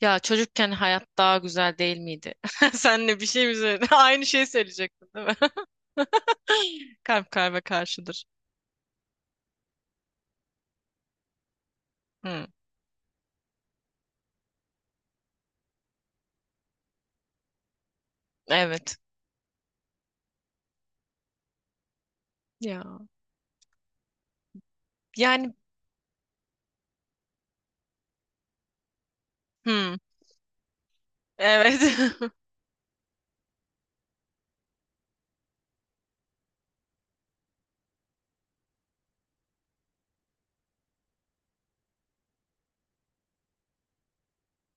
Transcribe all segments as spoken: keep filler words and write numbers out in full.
Ya çocukken hayat daha güzel değil miydi? Senle bir şey mi söyledin? Aynı şeyi söyleyecektin değil mi? Kalp kalbe karşıdır. Hı, evet. Ya. Yani hı, evet.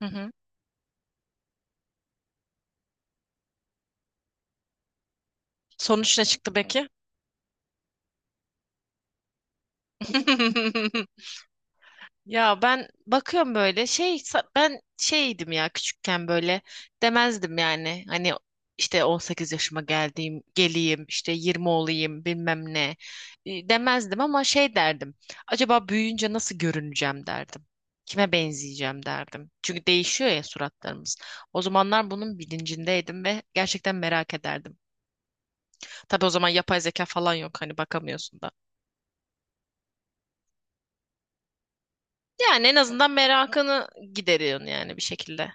Hı hı. Sonuç ne çıktı peki? Ya ben bakıyorum böyle şey sa- ben şeydim ya küçükken böyle demezdim yani hani işte on sekiz yaşıma geldiğim geleyim, işte yirmi olayım bilmem ne, e, demezdim ama şey derdim, acaba büyüyünce nasıl görüneceğim derdim, kime benzeyeceğim derdim, çünkü değişiyor ya suratlarımız. O zamanlar bunun bilincindeydim ve gerçekten merak ederdim. Tabii o zaman yapay zeka falan yok, hani bakamıyorsun da. Yani en azından merakını gideriyorsun yani bir şekilde.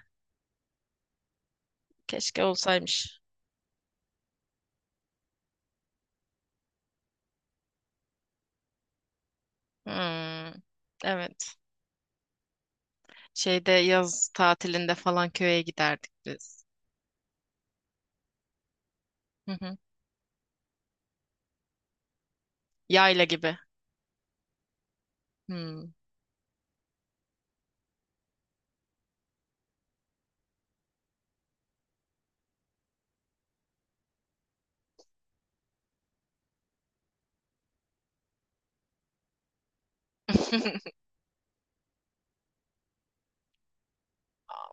Keşke olsaymış. Hmm, evet. Şeyde yaz tatilinde falan köye giderdik biz. Hı hı. Yayla gibi. Hmm.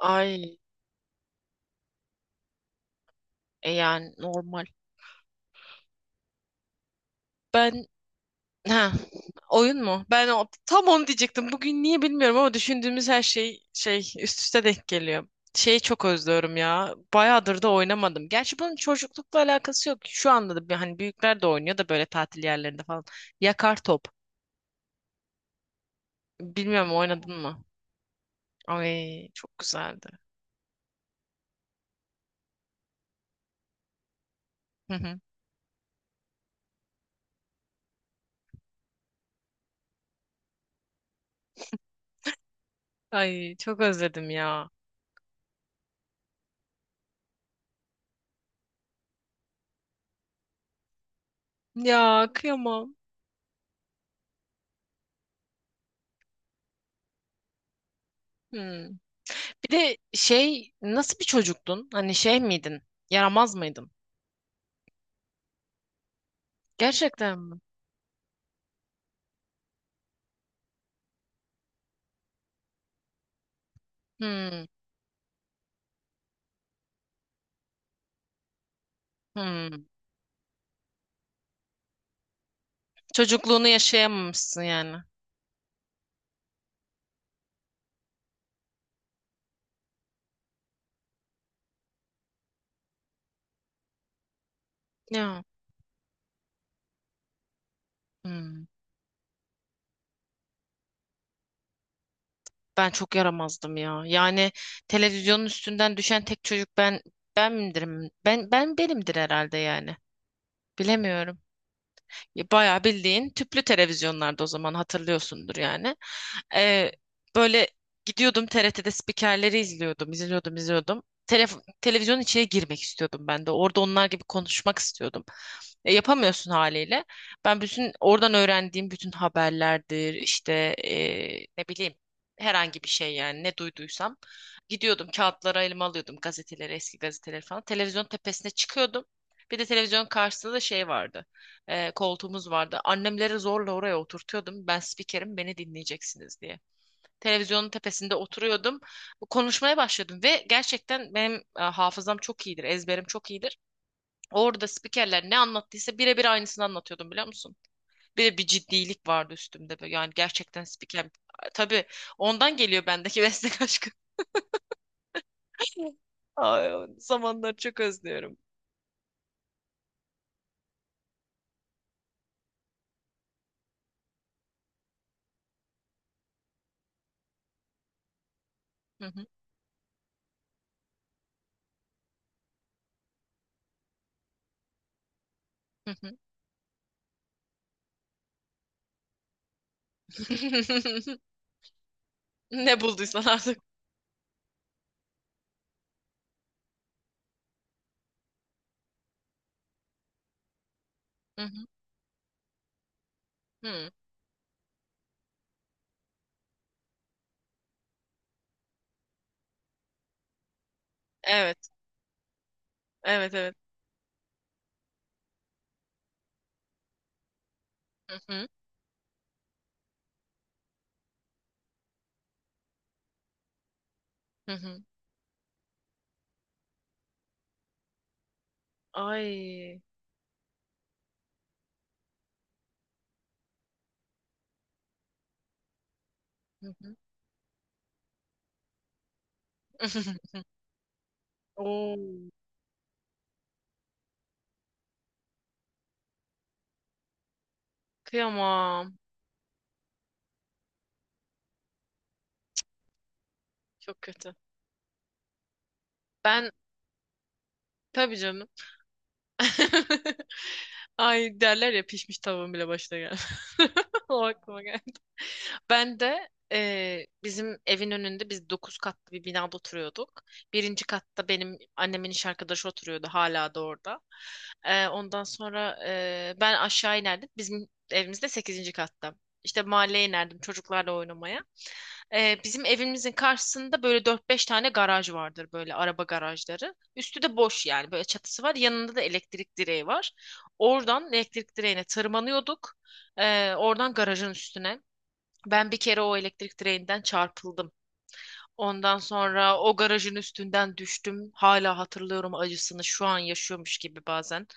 Ay, e yani normal. Ben ha, oyun mu? Ben o, tam onu diyecektim. Bugün niye bilmiyorum ama düşündüğümüz her şey şey üst üste denk geliyor. Şeyi çok özlüyorum ya. Bayağıdır da oynamadım. Gerçi bunun çocuklukla alakası yok. Şu anda da bir- hani büyükler de oynuyor da böyle tatil yerlerinde falan. Yakar top. Bilmiyorum oynadın mı? Ay çok güzeldi. Hı hı. Ay çok özledim ya. Ya kıyamam. Hmm. Bir de şey, nasıl bir çocuktun? Hani şey miydin? Yaramaz mıydın? Gerçekten mi? Hmm. Hmm. Çocukluğunu yaşayamamışsın yani. Ya. Hmm. Ben çok yaramazdım ya. Yani televizyonun üstünden düşen tek çocuk ben ben miydirim? Ben ben benimdir herhalde yani. Bilemiyorum. Ya bayağı bildiğin tüplü televizyonlarda, o zaman hatırlıyorsundur yani. Ee, böyle gidiyordum, T R T'de spikerleri izliyordum, izliyordum, izliyordum. Telef televizyonun içine girmek istiyordum ben de. Orada onlar gibi konuşmak istiyordum. E, yapamıyorsun haliyle. Ben bütün oradan öğrendiğim bütün haberlerdir, işte, e, ne bileyim, herhangi bir şey yani ne duyduysam. Gidiyordum, kağıtlara, elime alıyordum gazeteleri, eski gazeteleri falan. Televizyon tepesine çıkıyordum. Bir de televizyonun karşısında da şey vardı, e, koltuğumuz vardı. Annemleri zorla oraya oturtuyordum. Ben spikerim, beni dinleyeceksiniz diye. Televizyonun tepesinde oturuyordum. Konuşmaya başladım ve gerçekten benim e, hafızam çok iyidir, ezberim çok iyidir. Orada spikerler ne anlattıysa birebir aynısını anlatıyordum, biliyor musun? Bir de bir ciddilik vardı üstümde, böyle. Yani gerçekten spiker. Tabii ondan geliyor bendeki meslek aşkı. Ay, o zamanları çok özlüyorum. Hı hı, hı hı. Ne bulduysan artık. Hı hı, hı. Evet, evet, evet. Hı hı. Hı hı. Ay. Hı hı. Oo, kıyamam. Çok kötü. Ben, tabii canım. Ay, derler ya, pişmiş tavuğun bile başına gel. O aklıma geldi. Ben de eee, bizim evin önünde, biz dokuz katlı bir binada oturuyorduk. Birinci katta benim annemin iş arkadaşı oturuyordu, hala da orada. Eee, ondan sonra eee, ben aşağı inerdim. Bizim evimiz de sekizinci katta. İşte mahalleye inerdim çocuklarla oynamaya. Eee, bizim evimizin karşısında böyle dört beş tane garaj vardır, böyle araba garajları. Üstü de boş yani, böyle çatısı var. Yanında da elektrik direği var. Oradan elektrik direğine tırmanıyorduk. Ee, oradan garajın üstüne. Ben bir kere o elektrik direğinden çarpıldım. Ondan sonra o garajın üstünden düştüm. Hala hatırlıyorum acısını, şu an yaşıyormuş gibi bazen.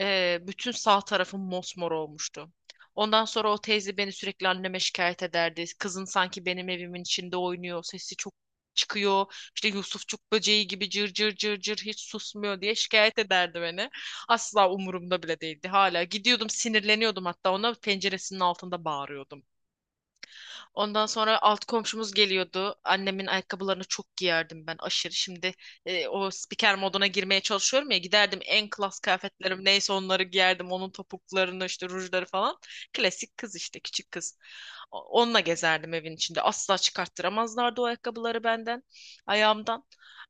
Ee, bütün sağ tarafım mosmor olmuştu. Ondan sonra o teyze beni sürekli anneme şikayet ederdi. Kızın sanki benim evimin içinde oynuyor. Sesi çok çıkıyor. İşte Yusufçuk böceği gibi cır cır cır cır hiç susmuyor diye şikayet ederdi beni. Asla umurumda bile değildi. Hala gidiyordum, sinirleniyordum, hatta ona penceresinin altında bağırıyordum. Ondan sonra alt komşumuz geliyordu. Annemin ayakkabılarını çok giyerdim ben, aşırı. Şimdi e, o spiker moduna girmeye çalışıyorum ya, giderdim en klas kıyafetlerim neyse onları giyerdim. Onun topuklarını, işte rujları falan. Klasik kız işte, küçük kız. O- Onunla gezerdim evin içinde. Asla çıkarttıramazlardı o ayakkabıları benden, ayağımdan.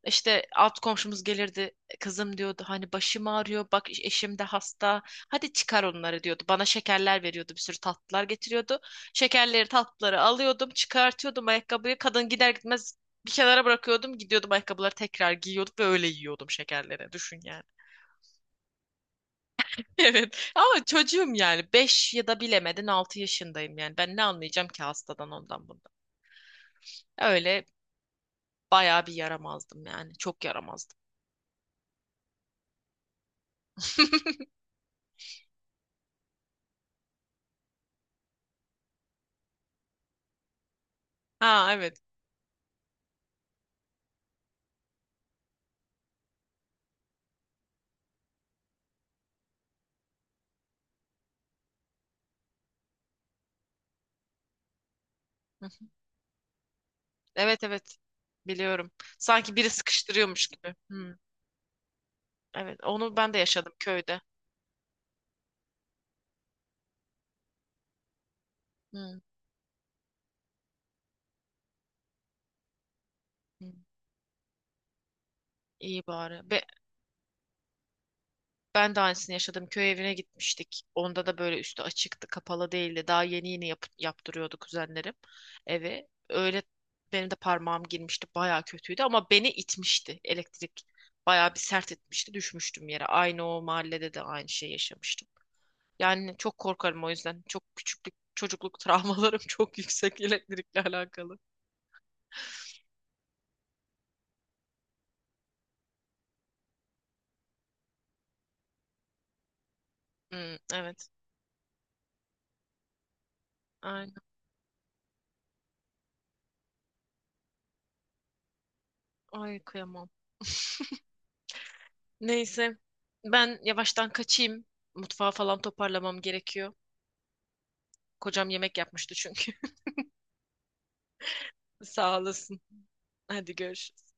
İşte alt komşumuz gelirdi. Kızım, diyordu, hani başım ağrıyor, bak eşim de hasta. Hadi çıkar onları, diyordu. Bana şekerler veriyordu, bir sürü tatlılar getiriyordu. Şekerleri, tatlıları alıyordum, çıkartıyordum ayakkabıyı. Kadın gider gitmez bir kenara bırakıyordum, gidiyordum ayakkabıları tekrar giyiyordum ve öyle yiyordum şekerleri. Düşün yani. Evet, ama çocuğum yani, beş ya da bilemedin altı yaşındayım yani, ben ne anlayacağım ki hastadan, ondan bundan. Öyle bayağı bir yaramazdım yani, çok yaramazdım. Ha, evet. Hı. Evet, evet. Biliyorum. Sanki biri sıkıştırıyormuş gibi. Hı. Evet, onu ben de yaşadım köyde. Hı. Hı. İyi bari. Be Ben de aynısını yaşadım. Köy evine gitmiştik. Onda da böyle üstü açıktı, kapalı değildi. Daha yeni yeni yap yaptırıyordu kuzenlerim eve. Öyle benim de parmağım girmişti. Baya kötüydü, ama beni itmişti elektrik. Baya bir sert etmişti. Düşmüştüm yere. Aynı o mahallede de aynı şey yaşamıştım. Yani çok korkarım o yüzden. Çok küçüklük, çocukluk travmalarım çok yüksek, elektrikle alakalı. Hmm, evet. Aynen. Ay kıyamam. Neyse. Ben yavaştan kaçayım. Mutfağı falan toparlamam gerekiyor. Kocam yemek yapmıştı çünkü. Sağ olasın. Hadi görüşürüz.